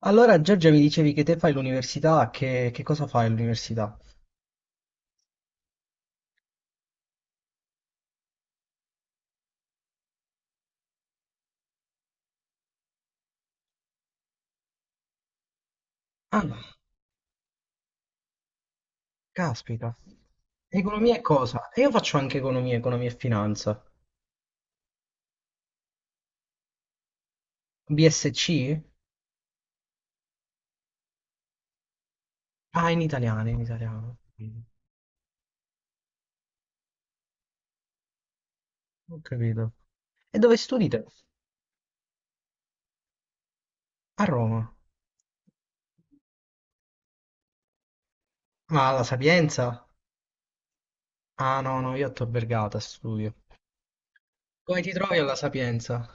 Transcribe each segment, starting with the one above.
Allora, Giorgia, mi dicevi che te fai l'università, che cosa fai all'università? Ah, caspita. Economia e cosa? E io faccio anche economia, economia e finanza. BSc? Ah, in italiano, in italiano. Ho capito. E dove studi te? A Roma. Ma alla Sapienza? Ah, no, no, io a Tor Vergata studio. Come ti trovi alla Sapienza?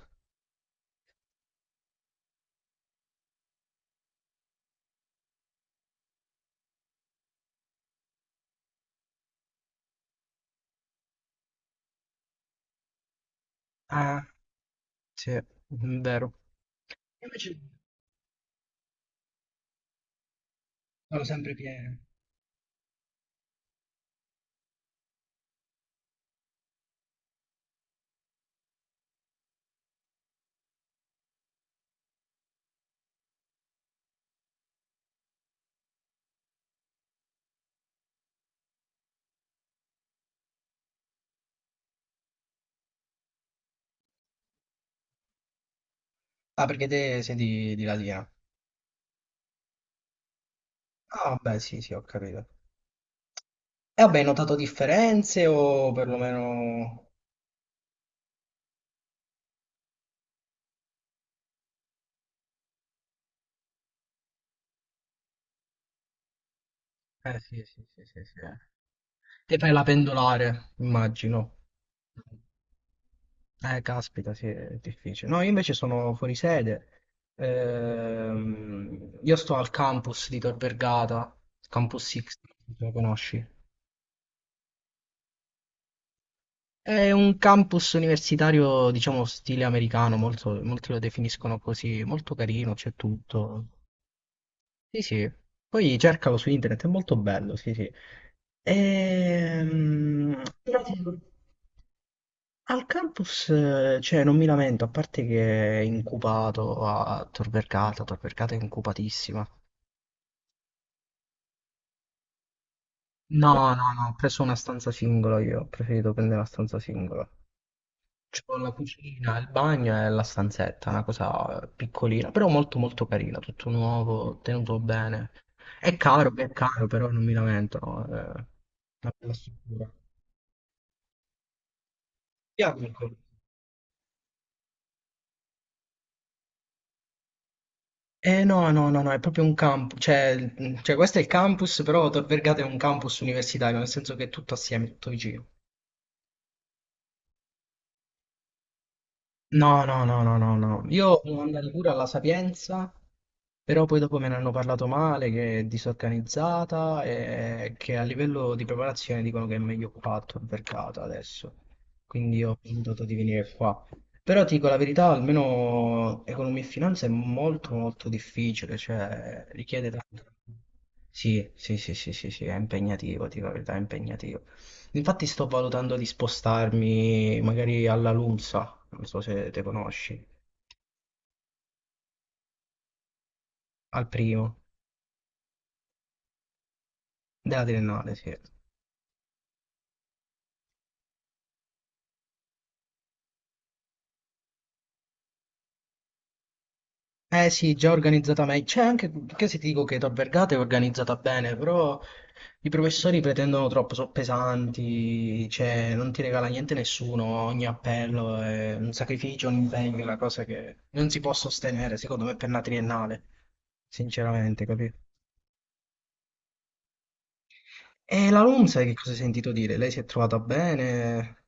Ah, sì, è vero. Io invece sono sempre pieno. Ah, perché te sei di Latina? Ah, beh, sì, sì, ho capito. E vabbè, hai notato differenze o perlomeno... Eh sì, sì, sì, sì, sì. Te fai la pendolare, immagino. Caspita, sì, è difficile. No, io invece sono fuori sede. Io sto al campus di Tor Vergata, Campus X, lo conosci? È un campus universitario, diciamo, stile americano, molto- molti lo definiscono così, molto carino, c'è tutto. Sì, sì, poi cercalo su internet, è molto bello, sì, sì. Però ti dico, al campus, cioè, non mi lamento, a parte che è incubato a Tor Vergata, Tor Vergata è incupatissima. No, no, no, ho preso una stanza singola io, ho preferito prendere una stanza singola. C'ho la cucina, il bagno e la stanzetta, una cosa piccolina, però molto molto carina, tutto nuovo, tenuto bene. È caro, però non mi lamento, no? È una bella struttura. Bianco. Eh no, no, no, no, è proprio un campus, cioè, cioè questo è il campus, però Tor Vergata è un campus universitario, nel senso che è tutto assieme, tutto vicino. No, no, no, no, no, no. Io sono andato pure alla Sapienza. Però poi dopo me ne hanno parlato male, che è disorganizzata e che a livello di preparazione dicono che è meglio fatto il mercato adesso. Quindi ho pensato di venire qua. Però ti dico la verità, almeno economia e finanza è molto molto difficile, cioè richiede tanto. Sì, sì, sì, sì, sì, sì, è impegnativo, ti dico la verità, è impegnativo. Infatti sto valutando di spostarmi magari alla LUMSA, non so se te conosci, al primo, della triennale, sì. Eh sì, già organizzata meglio. C'è anche, che se ti dico che da Vergata è organizzata bene, però i professori pretendono troppo, sono pesanti, cioè non ti regala niente nessuno, ogni appello è un sacrificio, un impegno, una cosa che non si può sostenere, secondo me, per una triennale, sinceramente, capito? E la LUM, sai che cosa hai sentito dire? Lei si è trovata bene?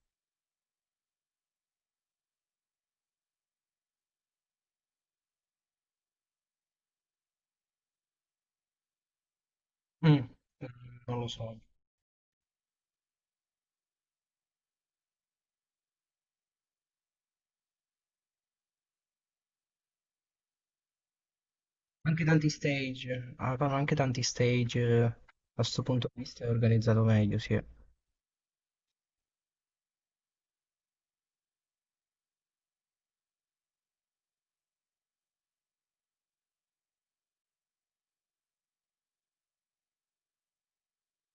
Mm, mm, non lo so. Anche tanti stage, avevano anche tanti stage, a questo punto di vista è organizzato meglio, sì.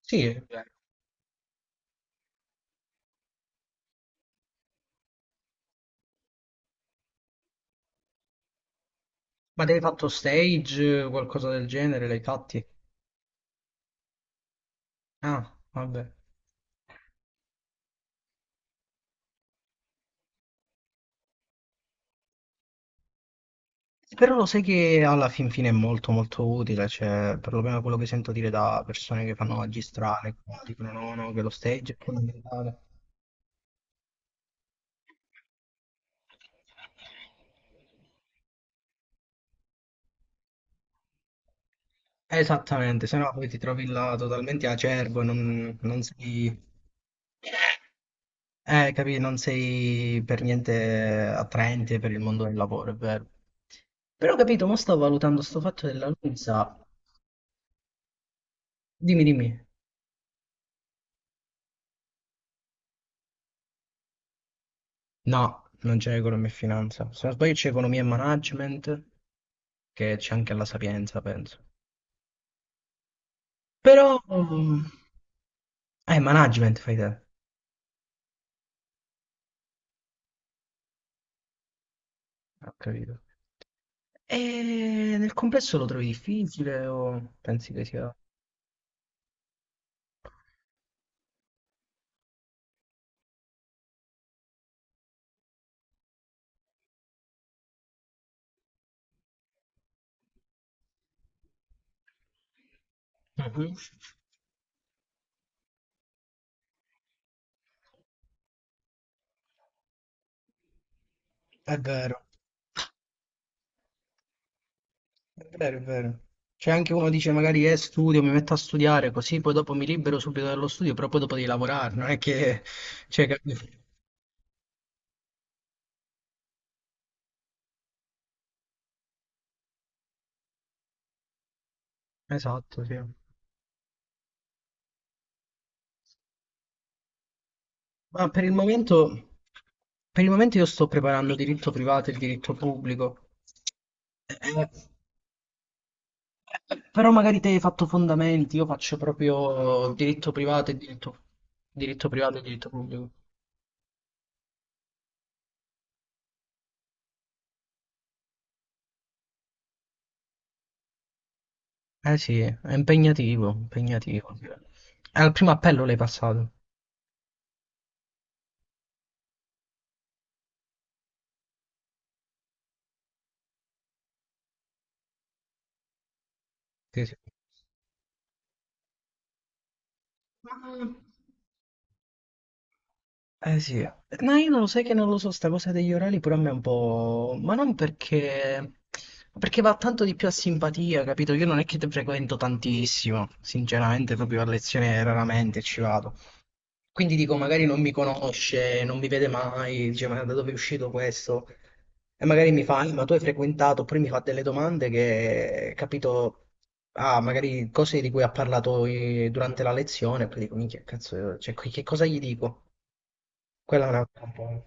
Sì, è vero. Ma avevi fatto stage, qualcosa del genere, l'hai fatti? Ah, vabbè. Però lo sai che alla fin fine è molto molto utile, cioè perlomeno quello che sento dire da persone che fanno magistrale, dicono no, no, che lo stage è fondamentale. Esattamente, se no poi ti trovi là totalmente acerbo, e non, non sei, capì, non sei per niente attraente per il mondo del lavoro, è vero. Però capito, mo sto valutando sto fatto della Luisa. Dimmi, dimmi. No, non c'è economia e finanza. Se non sbaglio c'è economia e management, che c'è anche alla Sapienza, penso. Però... management fai te. Ho capito. E nel complesso lo trovi difficile o pensi che sia... Mhm. È vero, è vero. C'è anche uno dice magari studio, mi metto a studiare così poi dopo mi libero subito dallo studio, però poi dopo devi lavorare, non è che... Cioè, capi- Esatto, sì. Ma per il momento io sto preparando diritto privato e il diritto pubblico. Eh, però magari te hai fatto fondamenti, io faccio proprio diritto privato e diritto, diritto privato e diritto pubblico. Eh sì, è impegnativo, impegnativo. Al primo appello l'hai passato. Sì, sì. Ma eh sì, ma io non lo sai che non lo so, sta cosa degli orali pure a me è un po'... ma non perché... perché va tanto di più a simpatia, capito? Io non è che te frequento tantissimo, sinceramente proprio a lezione raramente ci vado. Quindi dico, magari non mi conosce, non mi vede mai, dice, ma da dove è uscito questo? E magari mi fa, ma tu hai frequentato", oppure mi fa delle domande che, capito, ah, magari cose di cui ha parlato durante la lezione, e poi dico, minchia, cazzo, cioè, che cosa gli dico? Quella è un'altra un po',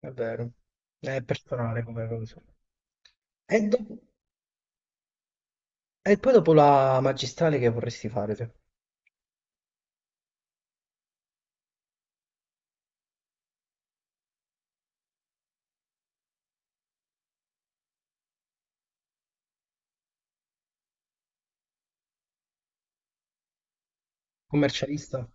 è vero, è personale come cosa. E, dopo- e poi dopo la magistrale che vorresti fare te? Commercialista?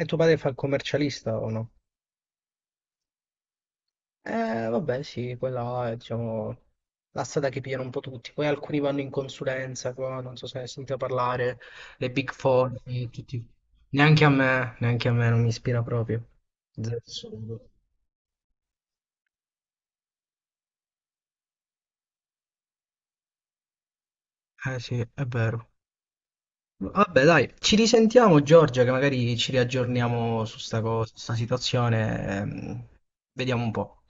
E tuo padre fa il commercialista o no? Vabbè, sì, quella è, diciamo, la strada che pigliano un po' tutti. Poi alcuni vanno in consulenza, qua, non so se hai sentito parlare, le Big Four, tutti. Neanche a me non mi ispira proprio. Zero. Eh sì, è vero. Vabbè, dai, ci risentiamo Giorgia, che magari ci riaggiorniamo su sta cosa, su sta situazione. Vediamo un po'.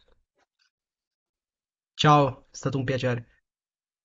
Ciao, è stato un piacere.